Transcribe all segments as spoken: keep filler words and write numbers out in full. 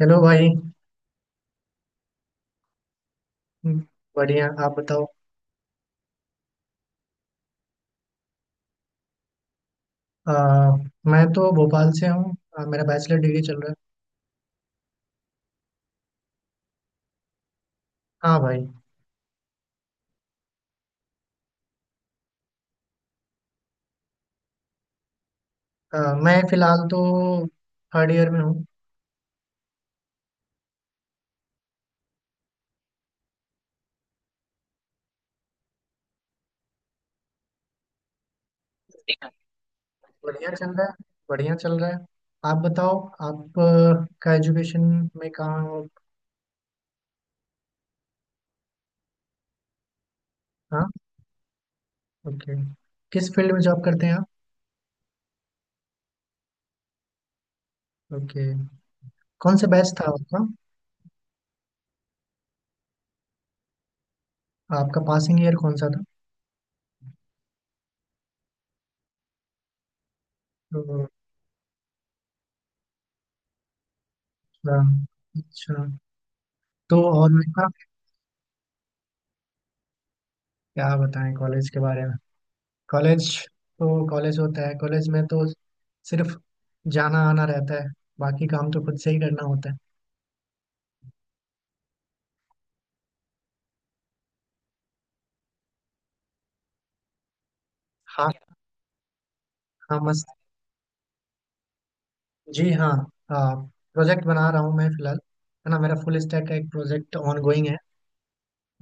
Hello भाई। हम्म, बढ़िया आप बताओ। आ, मैं तो भोपाल से हूँ। आ, मेरा बैचलर डिग्री चल रहा है। हाँ भाई। आ, मैं फिलहाल तो थर्ड ईयर में हूँ। बढ़िया चल रहा है, बढ़िया चल रहा है। आप बताओ। आप आ, का एजुकेशन में कहाँ हो? हाँ। ओके। किस फील्ड में जॉब करते हैं आप? ओके। कौन सा बैच था आपका? आपका पासिंग ईयर कौन सा था? तो, अच्छा। अच्छा। तो और मैं। क्या बताएं कॉलेज के बारे में? कॉलेज तो कॉलेज होता है, कॉलेज में तो सिर्फ जाना आना रहता है, बाकी काम तो खुद से ही करना होता है। हाँ। हाँ, मस्त। जी हाँ। हाँ। प्रोजेक्ट बना रहा हूँ मैं फिलहाल। है ना, मेरा फुल स्टैक का एक प्रोजेक्ट गोइंग है।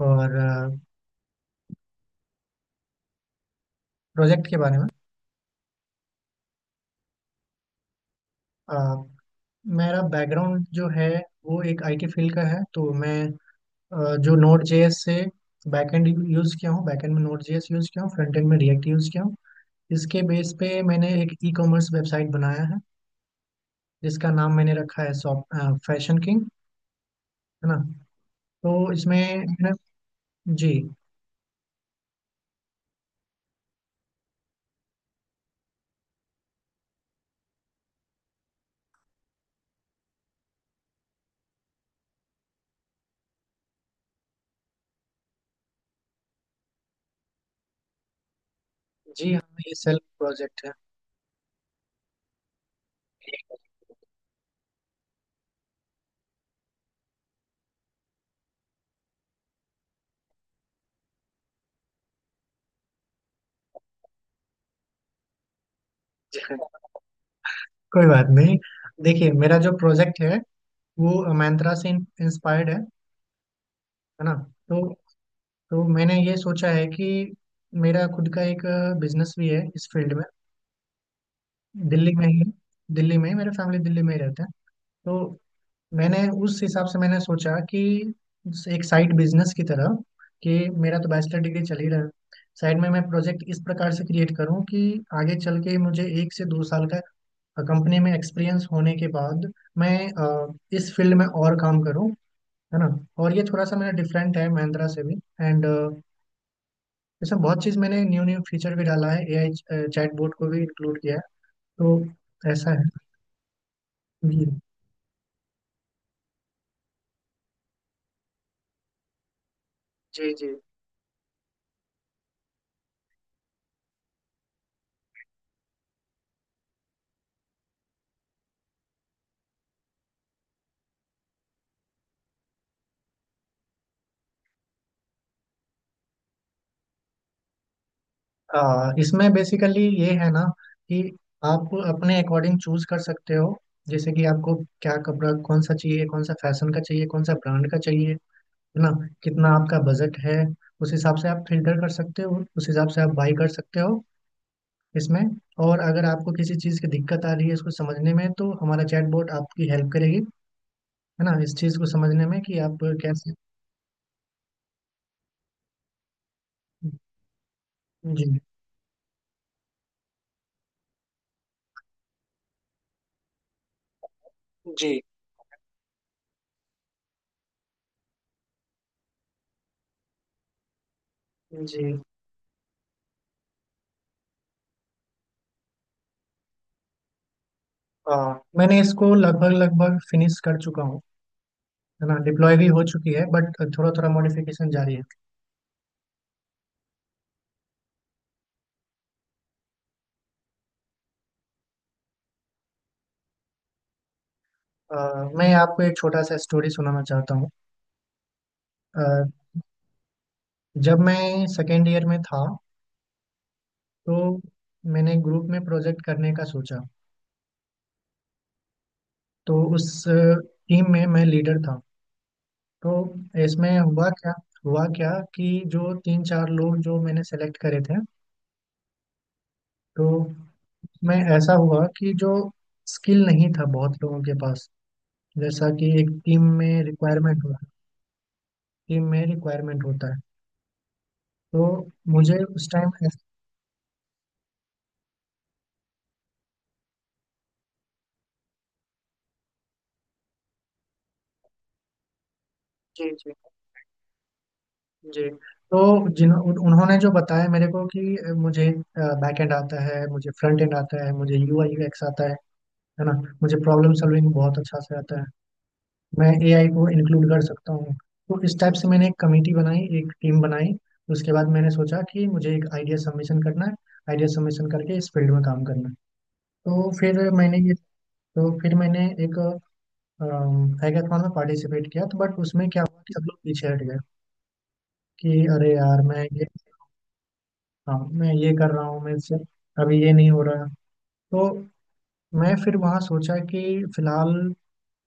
और। प्रोजेक्ट के बारे में? अ, मेरा बैकग्राउंड जो है वो एक आई टी फील्ड का है। तो मैं अ, जो नोड जे एस से बैकएंड यूज़ किया हूँ, बैकएंड में नोड जे एस यूज़ किया हूँ, फ्रंट एंड में रिएक्ट यूज़ किया हूँ। इसके बेस पे मैंने एक ई कॉमर्स वेबसाइट बनाया है जिसका नाम मैंने रखा है शॉप फैशन किंग। है ना। तो इसमें है ना- जी। जी हाँ, ये सेल्फ प्रोजेक्ट है। जी। कोई बात नहीं। देखिए, मेरा जो प्रोजेक्ट है वो मैंत्रा से इंस्पायर्ड है है ना। तो तो मैंने ये सोचा है कि मेरा खुद का एक बिजनेस भी है इस फील्ड में। दिल्ली में ही दिल्ली में ही मेरे फैमिली दिल्ली में ही रहते हैं। तो मैंने उस हिसाब से मैंने सोचा कि एक साइड बिजनेस की तरह, कि मेरा तो बैचलर डिग्री चल ही रहा है, साइड में मैं प्रोजेक्ट इस प्रकार से क्रिएट करूं कि आगे चल के मुझे एक से दो साल का कंपनी में एक्सपीरियंस होने के बाद मैं अ, इस फील्ड में और काम करूं, है ना। और ये थोड़ा सा मेरा डिफरेंट है महिंद्रा से भी। एंड। इसमें बहुत चीज़ मैंने न्यू न्यू फीचर भी डाला है, ए आई चैटबॉट को भी इंक्लूड किया है। तो ऐसा है। जी। जी। जी। आ, इसमें बेसिकली ये है ना कि आप अपने अकॉर्डिंग चूज कर सकते हो। जैसे कि आपको क्या कपड़ा, कौन सा चाहिए, कौन सा फैशन का चाहिए, कौन सा ब्रांड का चाहिए, है ना। कितना आपका बजट है, उस हिसाब से आप फिल्टर कर सकते हो, उस हिसाब से आप बाई कर सकते हो इसमें। और अगर आपको किसी चीज़ की दिक्कत आ रही है इसको समझने में, तो हमारा चैटबॉट आपकी हेल्प करेगी, है ना, इस चीज़ को समझने में कि आप कैसे। जी। जी। जी। आ, मैंने इसको लगभग लगभग फिनिश कर चुका हूँ, है ना। डिप्लॉय भी हो चुकी है, बट थोड़ा थोड़ा मॉडिफिकेशन जारी है। अ, मैं आपको एक छोटा सा स्टोरी सुनाना चाहता हूँ। अ, जब मैं सेकेंड ईयर में था तो मैंने ग्रुप में प्रोजेक्ट करने का सोचा। तो उस टीम में मैं लीडर था। तो इसमें हुआ क्या। हुआ क्या कि जो तीन चार लोग जो मैंने सेलेक्ट करे थे। तो मैं ऐसा हुआ कि जो स्किल नहीं था बहुत लोगों के पास, जैसा कि एक टीम में रिक्वायरमेंट होता है। टीम में रिक्वायरमेंट होता है तो मुझे उस टाइम। जी। जी। जी। तो जिन उन- उन्होंने जो बताया मेरे को कि मुझे बैक एंड आता है, मुझे फ्रंट एंड आता है, मुझे यू आई यू एक्स आता है है ना। मुझे प्रॉब्लम सॉल्विंग बहुत अच्छा से आता है, मैं ए आई को इंक्लूड कर सकता हूँ। तो इस टाइप से मैंने एक कमेटी बनाई, एक टीम बनाई। उसके बाद मैंने सोचा कि मुझे एक आइडिया सबमिशन करना है। आइडिया सबमिशन करके इस फील्ड में काम करना है। तो फिर मैंने ये। तो फिर मैंने एक हैकाथॉन में पार्टिसिपेट किया, तो बट उसमें क्या हुआ कि सब लोग पीछे हट गए कि अरे यार, मैं ये। हाँ, मैं ये कर रहा हूँ, मैं इससे अभी ये नहीं हो रहा। तो मैं फिर वहाँ सोचा कि फिलहाल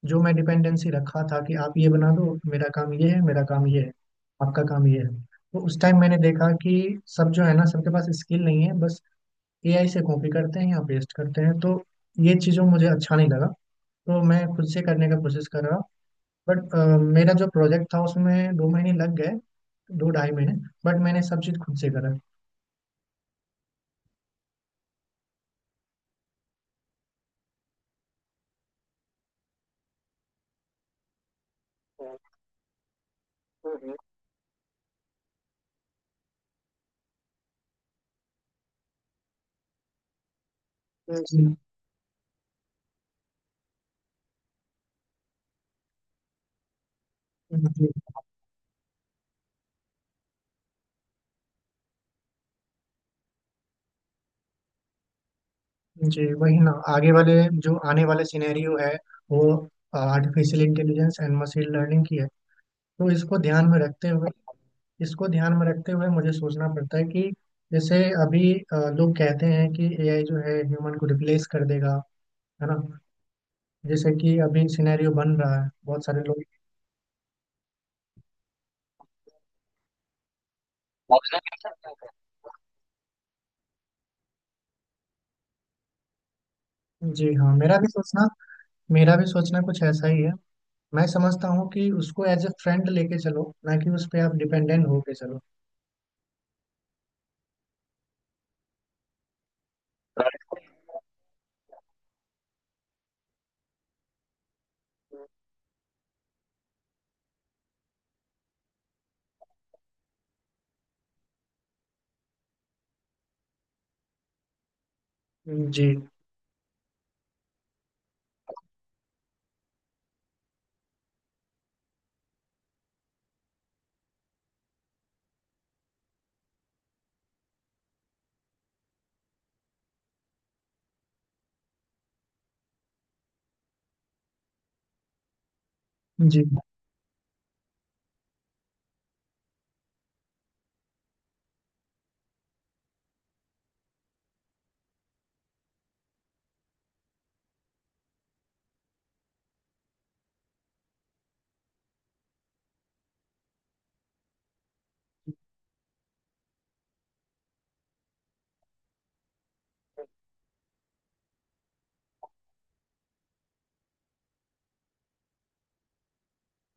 जो मैं डिपेंडेंसी रखा था कि आप ये बना दो, मेरा काम ये है, मेरा काम ये है, आपका काम ये है। तो उस टाइम मैंने देखा कि सब जो है ना, सबके पास स्किल नहीं है, बस ए आई से कॉपी करते हैं या पेस्ट करते हैं। तो ये चीज़ों मुझे अच्छा नहीं लगा। तो मैं खुद से करने का कोशिश कर रहा। बट मेरा जो प्रोजेक्ट था उसमें दो महीने लग गए, दो ढाई महीने। बट मैंने सब चीज़ खुद से करा। जी। जी। जी, वही ना आगे वाले जो आने वाले सिनेरियो है वो artificial intelligence and machine learning की है। तो इसको ध्यान में रखते हुए इसको ध्यान में रखते हुए मुझे सोचना पड़ता है कि जैसे अभी अ, लोग कहते हैं कि एआई जो है ह्यूमन को रिप्लेस कर देगा, है ना। जैसे कि अभी सिनेरियो बन रहा है बहुत सारे लोग। जी हाँ, मेरा भी सोचना मेरा भी सोचना कुछ ऐसा ही है। मैं समझता हूँ कि उसको एज ए फ्रेंड लेके चलो, ना कि उस पर आप डिपेंडेंट होके चलो। जी। जी।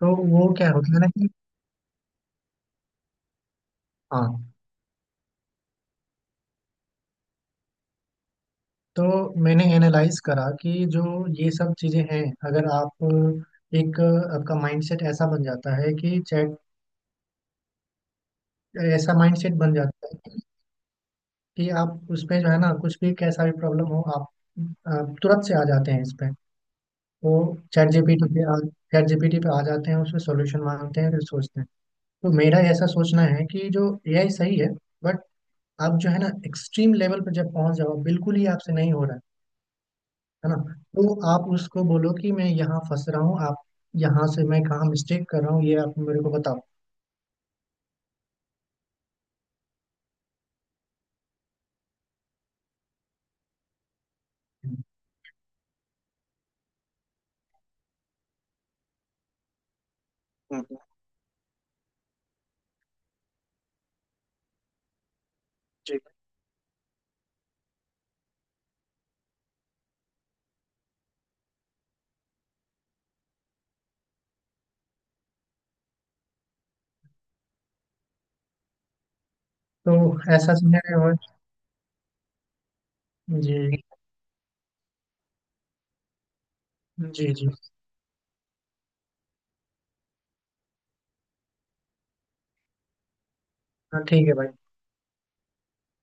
तो वो क्या होता है ना कि। हाँ। तो मैंने एनालाइज करा कि जो ये सब चीजें हैं, अगर आप एक आपका माइंडसेट ऐसा बन जाता है कि चैट ऐसा माइंडसेट बन जाता है कि आप उस पे जो है ना कुछ भी कैसा भी प्रॉब्लम हो आप, आप तुरंत से आ जाते हैं इस पे। तो चैट जीपीटी पे आ चैट जी पी टी पे आ जाते हैं, उसमें सॉल्यूशन मांगते हैं, फिर सोचते हैं। तो मेरा ऐसा सोचना है कि जो ए आई सही है, बट आप जो है ना एक्सट्रीम लेवल पर जब पहुंच जाओ बिल्कुल ही आपसे नहीं हो रहा, है ना। तो आप उसको बोलो कि मैं यहाँ फंस रहा हूँ, आप यहाँ से मैं कहाँ मिस्टेक कर रहा हूँ ये आप मेरे को बताओ। हम्म। हम्म। ठीक। तो ऐसा सिनेरियो है। जी। जी। जी। हाँ, ठीक है भाई।